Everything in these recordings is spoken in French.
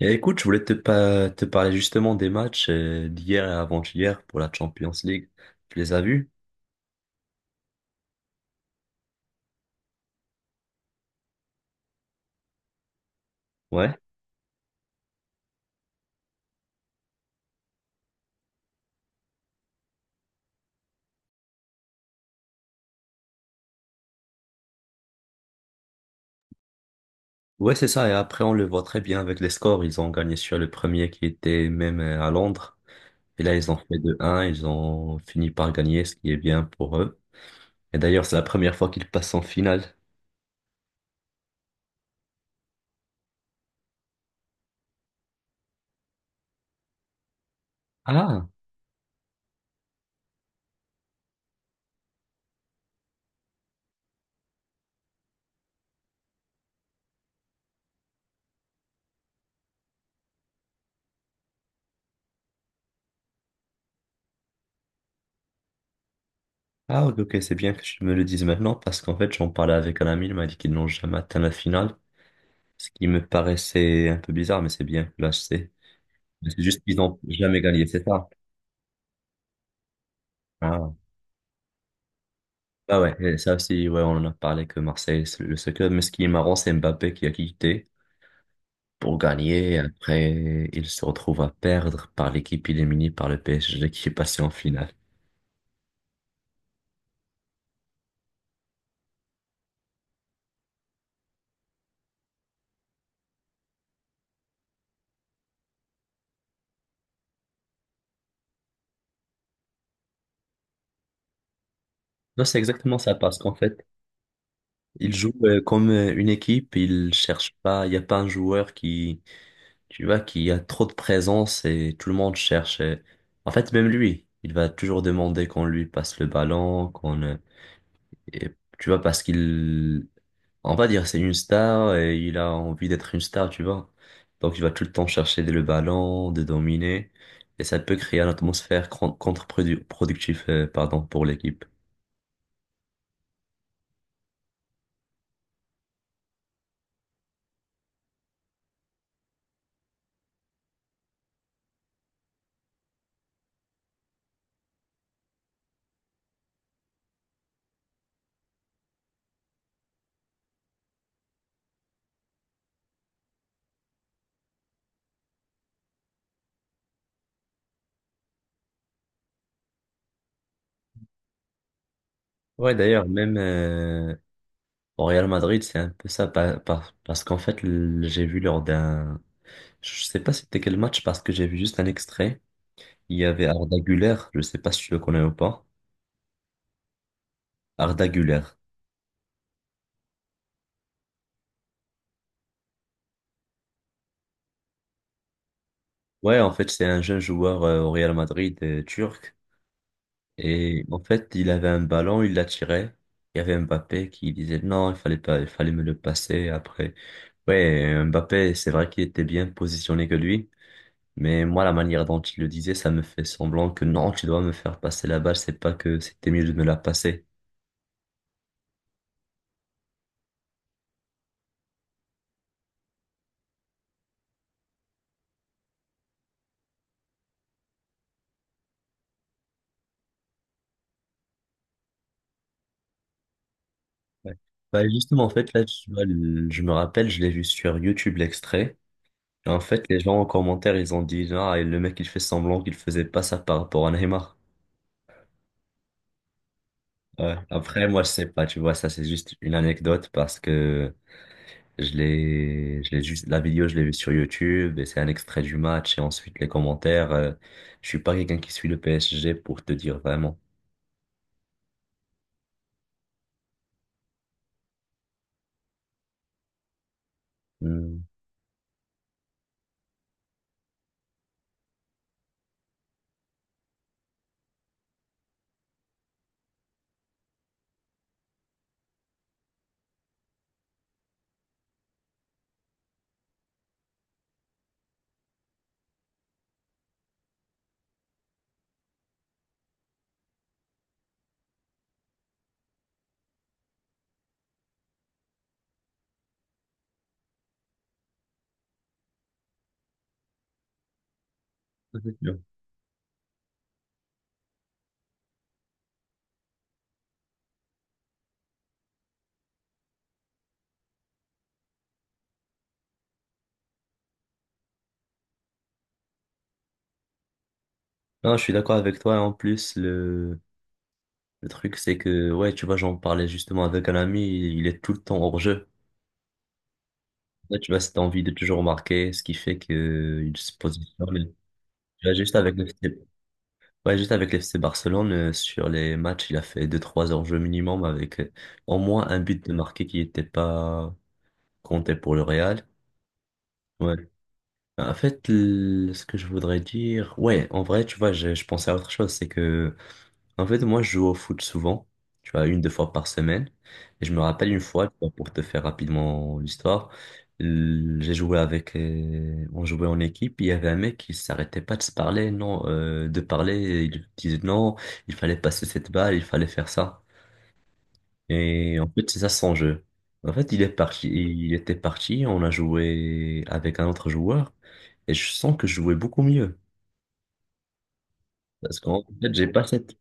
Et écoute, je voulais te parler justement des matchs d'hier et avant-hier pour la Champions League. Tu les as vus? Ouais. Ouais, c'est ça. Et après, on le voit très bien avec les scores. Ils ont gagné sur le premier qui était même à Londres. Et là, ils ont fait 2 un. Ils ont fini par gagner, ce qui est bien pour eux. Et d'ailleurs, c'est la première fois qu'ils passent en finale. Ah, ah, ok, ok, c'est bien que tu me le dises maintenant parce qu'en fait, j'en parlais avec un ami. Il m'a dit qu'ils n'ont jamais atteint la finale. Ce qui me paraissait un peu bizarre, mais c'est bien que là, je sais. Mais c'est juste qu'ils n'ont jamais gagné, c'est ça. Ah, ah ouais, et ça aussi, ouais, on en a parlé que Marseille, c'est le seul club. Mais ce qui est marrant, c'est Mbappé qui a quitté pour gagner. Et après, il se retrouve à perdre par l'équipe éliminée par le PSG qui est passé en finale. Non, c'est exactement ça, parce qu'en fait, ils jouent comme une équipe, ils cherchent pas, il n'y a pas un joueur qui, tu vois, qui a trop de présence et tout le monde cherche. En fait, même lui, il va toujours demander qu'on lui passe le ballon, et, tu vois, parce qu'il on va dire c'est une star et il a envie d'être une star, tu vois. Donc il va tout le temps chercher le ballon, de dominer, et ça peut créer une atmosphère contre-productive, pardon, pour l'équipe. Ouais, d'ailleurs, même au Real Madrid, c'est un peu ça, parce qu'en fait, le- j'ai vu lors d'un, je sais pas c'était quel match, parce que j'ai vu juste un extrait. Il y avait Arda Güler, je sais pas si tu le connais ou pas. Arda Güler. Ouais, en fait, c'est un jeune joueur au Real Madrid turc. Et en fait, il avait un ballon, il l'a tiré. Il y avait Mbappé qui disait non, il fallait pas, il fallait me le passer après. Ouais, Mbappé, c'est vrai qu'il était bien positionné que lui, mais moi, la manière dont il le disait, ça me fait semblant que non, tu dois me faire passer la balle, c'est pas que c'était mieux de me la passer. Ouais. Bah, justement, en fait, là, tu vois, le- je me rappelle, je l'ai vu sur YouTube l'extrait. Et en fait, les gens en commentaire, ils ont dit, ah, et le mec, il fait semblant qu'il faisait pas ça par rapport à Neymar. Ouais. Après, moi, je sais pas, tu vois, ça, c'est juste une anecdote parce que je l'ai juste, la vidéo, je l'ai vue sur YouTube et c'est un extrait du match et ensuite les commentaires. Je suis pas quelqu'un qui suit le PSG pour te dire vraiment. Hmm. Ça, c'est sûr. Non, je suis d'accord avec toi. En plus, le truc, c'est que, ouais, tu vois, j'en parlais justement avec un ami, il est tout le temps hors jeu. Là, tu vois, cette envie de toujours marquer, ce qui fait que il se positionne. Tu vois, juste avec le ouais, juste avec l'FC Barcelone, sur les matchs, il a fait deux trois enjeux minimum avec au moins un but de marqué qui n'était pas compté pour le Real. Ouais. En fait, l- ce que je voudrais dire, ouais, en vrai, tu vois, je pensais à autre chose, c'est que en fait, moi, je joue au foot souvent, tu vois, une, deux fois par semaine. Et je me rappelle une fois, tu vois, pour te faire rapidement l'histoire, l- j'ai joué avec, on jouait en équipe, il y avait un mec qui s'arrêtait pas de se parler, non, de parler, il disait non, il fallait passer cette balle, il fallait faire ça. Et en fait, c'est ça son jeu. En fait, il est parti, il était parti, on a joué avec un autre joueur, et je sens que je jouais beaucoup mieux. Parce qu'en fait, j'ai pas cette,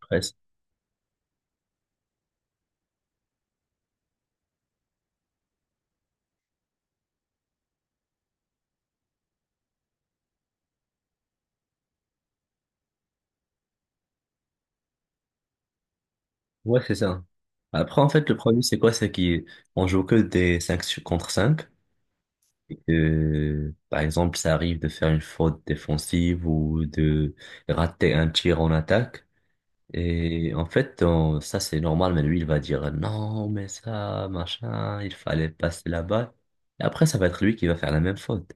ouais, c'est ça. Après, en fait, le problème, c'est quoi? C'est qu'on joue que des 5 contre 5 et que, par exemple, ça arrive de faire une faute défensive ou de rater un tir en attaque. Et en fait, on- ça, c'est normal, mais lui, il va dire non, mais ça, machin, il fallait passer la balle. Et après, ça va être lui qui va faire la même faute.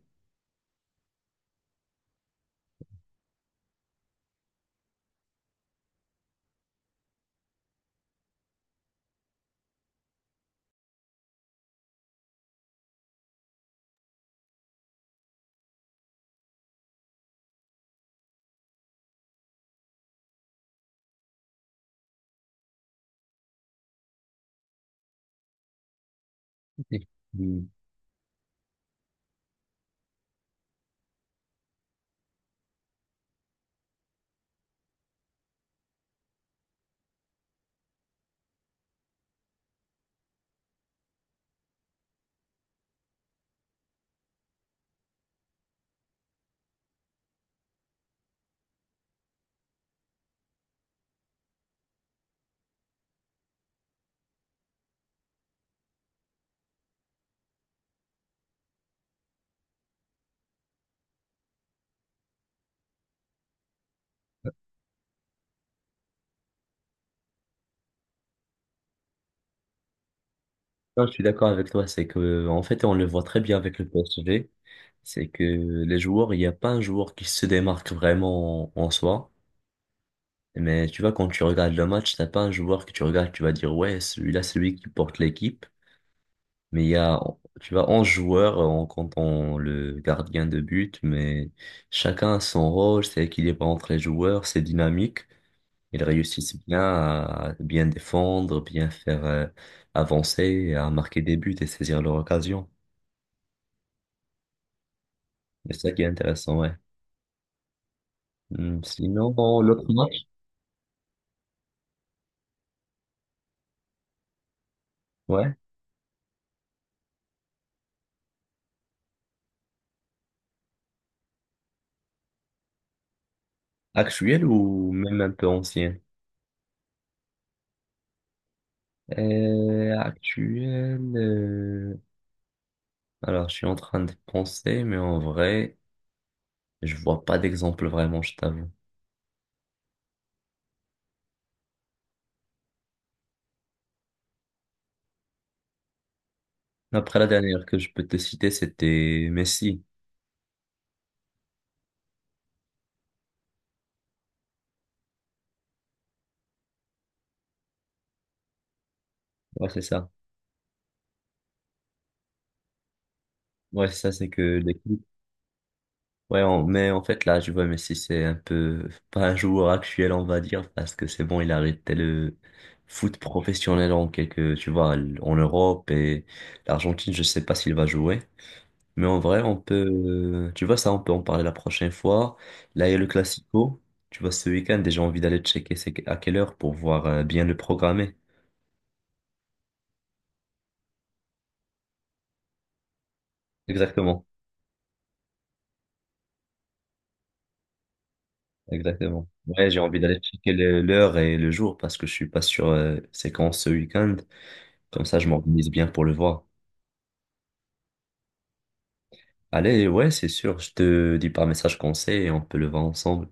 Non, je suis d'accord avec toi, c'est que en fait on le voit très bien avec le PSG, c'est que les joueurs, il n'y a pas un joueur qui se démarque vraiment en soi, mais tu vois quand tu regardes le match, t'as pas un joueur que tu regardes, tu vas dire ouais, celui-là c'est lui qui porte l'équipe, mais il y a tu vois 11 joueurs en comptant le gardien de but, mais chacun a son rôle, c'est équilibré entre les joueurs, c'est dynamique, ils réussissent bien à bien défendre, bien faire avancer, à marquer des buts et saisir leur occasion. C'est ça qui est intéressant, ouais. Hmm, sinon, bon, l'autre match, ouais. Actuel ou même un peu ancien? Actuel. Alors, je suis en train de penser, mais en vrai, je vois pas d'exemple vraiment, je t'avoue. Après, la dernière que je peux te citer, c'était Messi. Ouais, c'est ça. Ouais, c'est ça, c'est que l'équipe ouais, on- mais en fait, là, je vois Messi, c'est un peu pas un joueur actuel, on va dire, parce que c'est bon, il a arrêté le foot professionnel en quelque, tu vois, en Europe et l'Argentine, je sais pas s'il va jouer. Mais en vrai, on peut, tu vois, ça, on peut en parler la prochaine fois. Là, il y a le Classico. Tu vois, ce week-end, et j'ai envie d'aller checker c'est à quelle heure pour voir bien le programmer. Exactement, exactement. Ouais, j'ai envie d'aller checker le- l'heure et le jour parce que je suis pas sûr c'est quand ce week-end. Comme ça, je m'organise bien pour le voir. Allez, ouais, c'est sûr, je te dis par message conseil et on peut le voir ensemble.